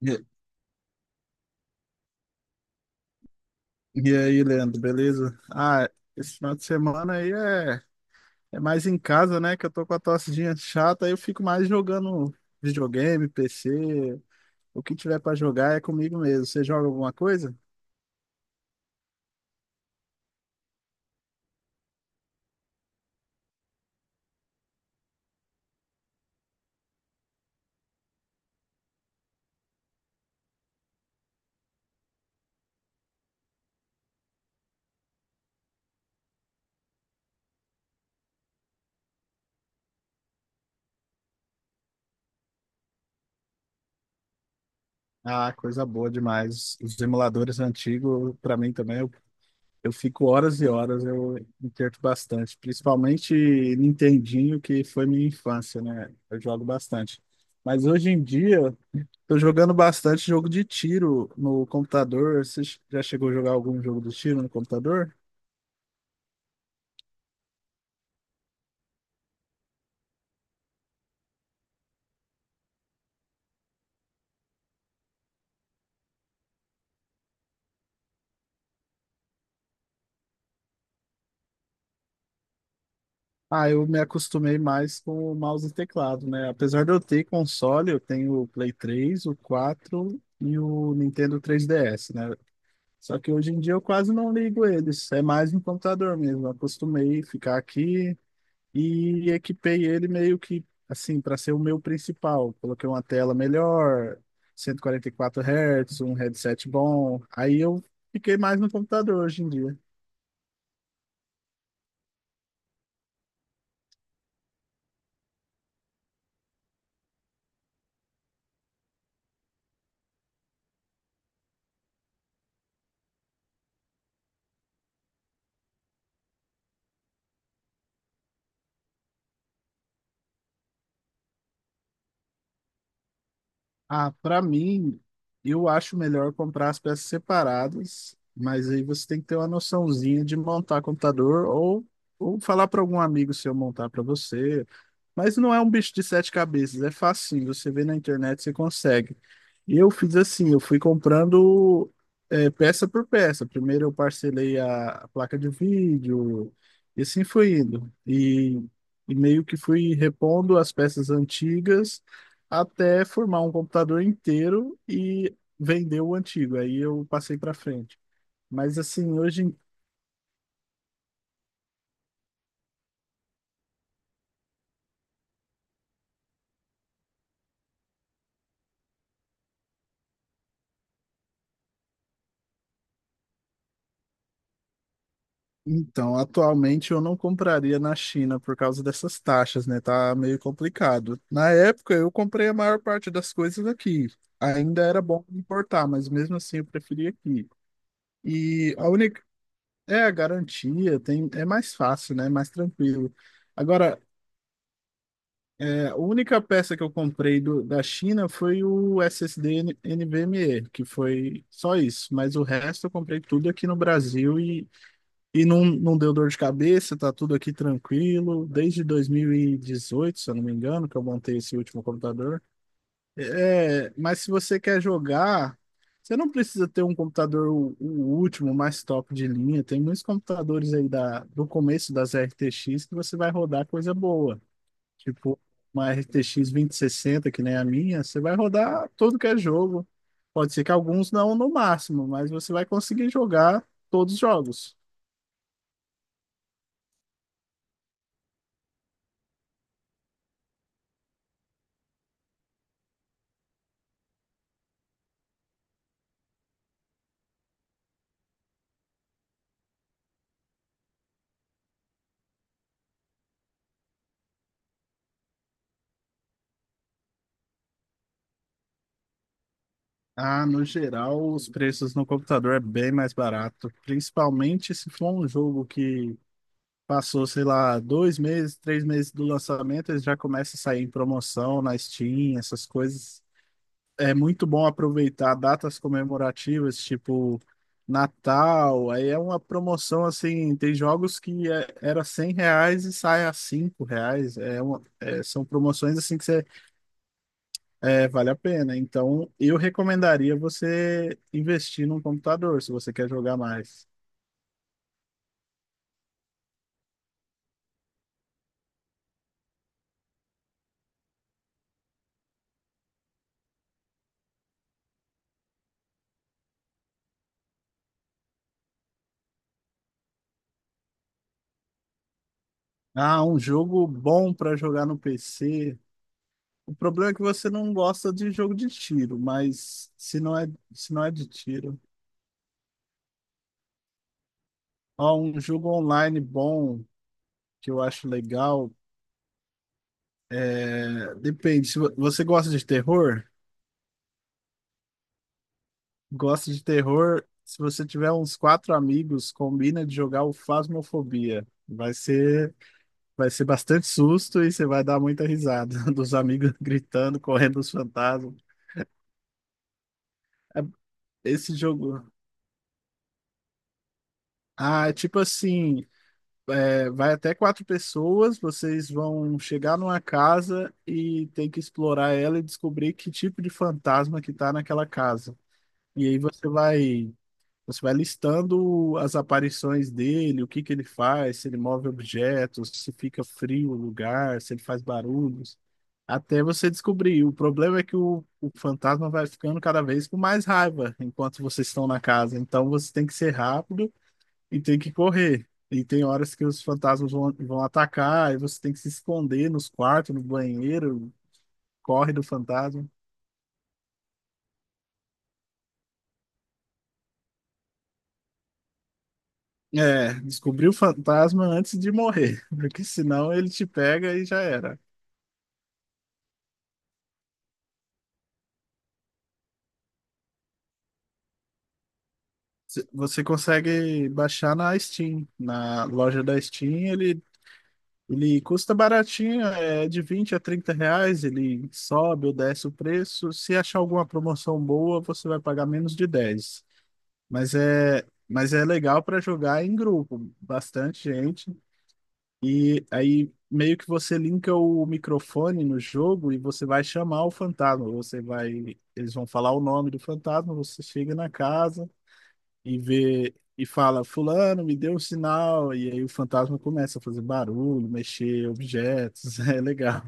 E, e aí, Leandro, beleza? Ah, esse final de semana aí é mais em casa, né? Que eu tô com a tossezinha chata, aí eu fico mais jogando videogame, PC, o que tiver pra jogar é comigo mesmo. Você joga alguma coisa? Ah, coisa boa demais. Os emuladores antigos, pra mim também, eu fico horas e horas, eu me perco bastante. Principalmente Nintendinho, que foi minha infância, né? Eu jogo bastante. Mas hoje em dia. Tô jogando bastante jogo de tiro no computador. Você já chegou a jogar algum jogo de tiro no computador? Ah, eu me acostumei mais com o mouse e teclado, né? Apesar de eu ter console, eu tenho o Play 3, o 4 e o Nintendo 3DS, né? Só que hoje em dia eu quase não ligo eles. É mais no computador mesmo. Eu acostumei ficar aqui, e equipei ele meio que assim para ser o meu principal. Coloquei uma tela melhor, 144 Hz, um headset bom. Aí eu fiquei mais no computador hoje em dia. Ah, para mim, eu acho melhor comprar as peças separadas, mas aí você tem que ter uma noçãozinha de montar computador, ou falar para algum amigo seu montar para você. Mas não é um bicho de sete cabeças, é facinho. Você vê na internet, você consegue. Eu fiz assim, eu fui comprando peça por peça. Primeiro eu parcelei a placa de vídeo, e assim foi indo. E meio que fui repondo as peças antigas até formar um computador inteiro e vender o antigo. Aí eu passei para frente. Mas assim, hoje em. Então, atualmente eu não compraria na China por causa dessas taxas, né? Tá meio complicado. Na época eu comprei a maior parte das coisas aqui. Ainda era bom importar, mas mesmo assim eu preferi aqui. E a única é a garantia, tem é mais fácil, né? Mais tranquilo. Agora, a única peça que eu comprei da China foi o SSD NVMe, que foi só isso, mas o resto eu comprei tudo aqui no Brasil e não, não deu dor de cabeça, tá tudo aqui tranquilo. Desde 2018, se eu não me engano, que eu montei esse último computador. É, mas se você quer jogar, você não precisa ter um computador o último, mais top de linha. Tem muitos computadores aí da, do começo das RTX, que você vai rodar coisa boa. Tipo, uma RTX sessenta que nem a minha, você vai rodar todo que é jogo. Pode ser que alguns não no máximo, mas você vai conseguir jogar todos os jogos. Ah, no geral, os preços no computador é bem mais barato, principalmente se for um jogo que passou, sei lá, 2 meses, 3 meses do lançamento, ele já começa a sair em promoção na Steam, essas coisas. É muito bom aproveitar datas comemorativas, tipo Natal, aí é uma promoção assim, tem jogos que era R$ 100 e sai a R$ 5, são promoções assim que você vale a pena. Então, eu recomendaria você investir num computador, se você quer jogar mais. Ah, um jogo bom para jogar no PC. O problema é que você não gosta de jogo de tiro, mas se não é de tiro. Ó, um jogo online bom, que eu acho legal, é, depende. Se você gosta de terror, se você tiver uns quatro amigos, combina de jogar o Phasmophobia. Vai ser bastante susto e você vai dar muita risada dos amigos gritando, correndo os fantasmas. É- Esse jogo. Ah, é tipo assim, vai até quatro pessoas, vocês vão chegar numa casa e tem que explorar ela e descobrir que tipo de fantasma que tá naquela casa. E aí você vai listando as aparições dele, o que que ele faz, se ele move objetos, se fica frio o lugar, se ele faz barulhos. Até você descobrir. O problema é que o fantasma vai ficando cada vez com mais raiva enquanto vocês estão na casa. Então você tem que ser rápido e tem que correr. E tem horas que os fantasmas vão atacar e você tem que se esconder nos quartos, no banheiro, corre do fantasma. É, descobrir o fantasma antes de morrer, porque senão ele te pega e já era. Você consegue baixar na Steam, na loja da Steam. Ele custa baratinho, é de R$ 20 a R$ 30, ele sobe ou desce o preço. Se achar alguma promoção boa, você vai pagar menos de 10. Mas é legal para jogar em grupo, bastante gente. E aí meio que você linka o microfone no jogo e você vai chamar o fantasma. Eles vão falar o nome do fantasma, você chega na casa e vê e fala, fulano, me deu um sinal, e aí o fantasma começa a fazer barulho, mexer objetos, é legal.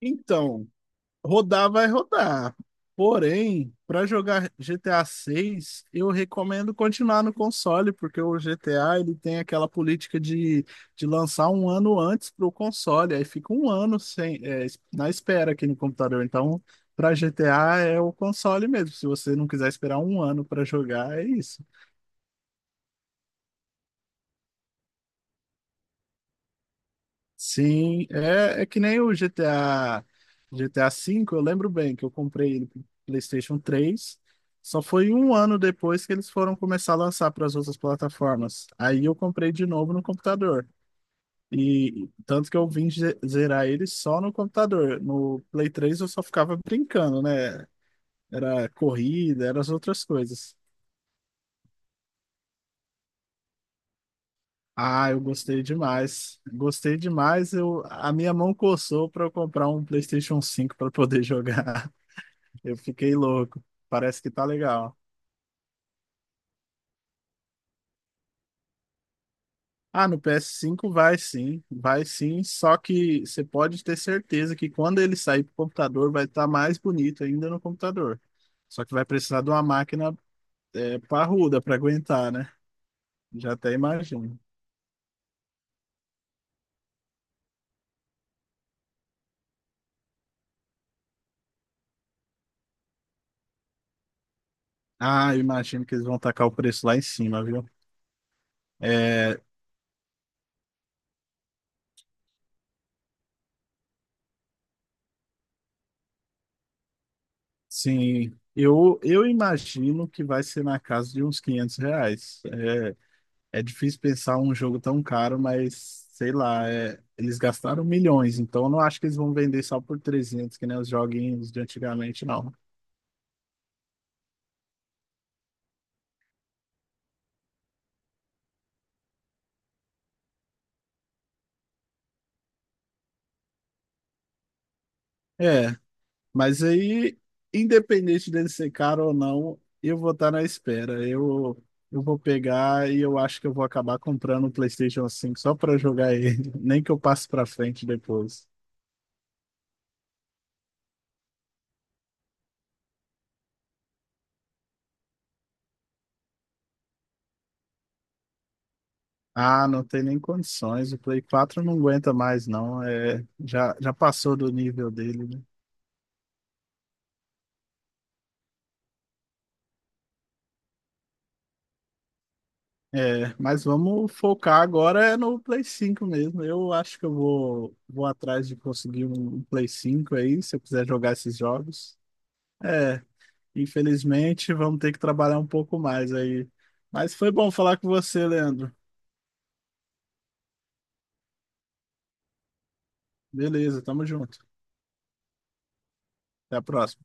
Então, rodar vai rodar. Porém, para jogar GTA 6, eu recomendo continuar no console, porque o GTA, ele tem aquela política de lançar um ano antes para o console, aí fica um ano sem, na espera aqui no computador. Então, para GTA é o console mesmo. Se você não quiser esperar um ano para jogar, é isso. Sim, é que nem o GTA V, eu lembro bem que eu comprei ele pro PlayStation 3, só foi um ano depois que eles foram começar a lançar para as outras plataformas. Aí eu comprei de novo no computador. E tanto que eu vim zerar ele só no computador. No Play 3 eu só ficava brincando, né? Era corrida, eram as outras coisas. Ah, eu gostei demais. Gostei demais. A minha mão coçou para eu comprar um PlayStation 5 para poder jogar. Eu fiquei louco. Parece que tá legal. Ah, no PS5 vai sim, só que você pode ter certeza que quando ele sair pro computador vai estar mais bonito ainda no computador. Só que vai precisar de uma máquina, parruda para aguentar, né? Já até imagino. Ah, eu imagino que eles vão tacar o preço lá em cima, viu? É, sim, eu imagino que vai ser na casa de uns R$ 500. É difícil pensar um jogo tão caro, mas sei lá, eles gastaram milhões, então eu não acho que eles vão vender só por 300, que nem os joguinhos de antigamente, não. É, mas aí, independente dele ser caro ou não, eu vou estar na espera. Eu vou pegar e eu acho que eu vou acabar comprando o PlayStation 5 só para jogar ele, nem que eu passe para frente depois. Ah, não tem nem condições, o Play 4 não aguenta mais, não. É, já passou do nível dele, né? É, mas vamos focar agora é no Play 5 mesmo. Eu acho que eu vou, atrás de conseguir um Play 5 aí, se eu quiser jogar esses jogos. É, infelizmente vamos ter que trabalhar um pouco mais aí. Mas foi bom falar com você, Leandro. Beleza, tamo junto. Até a próxima.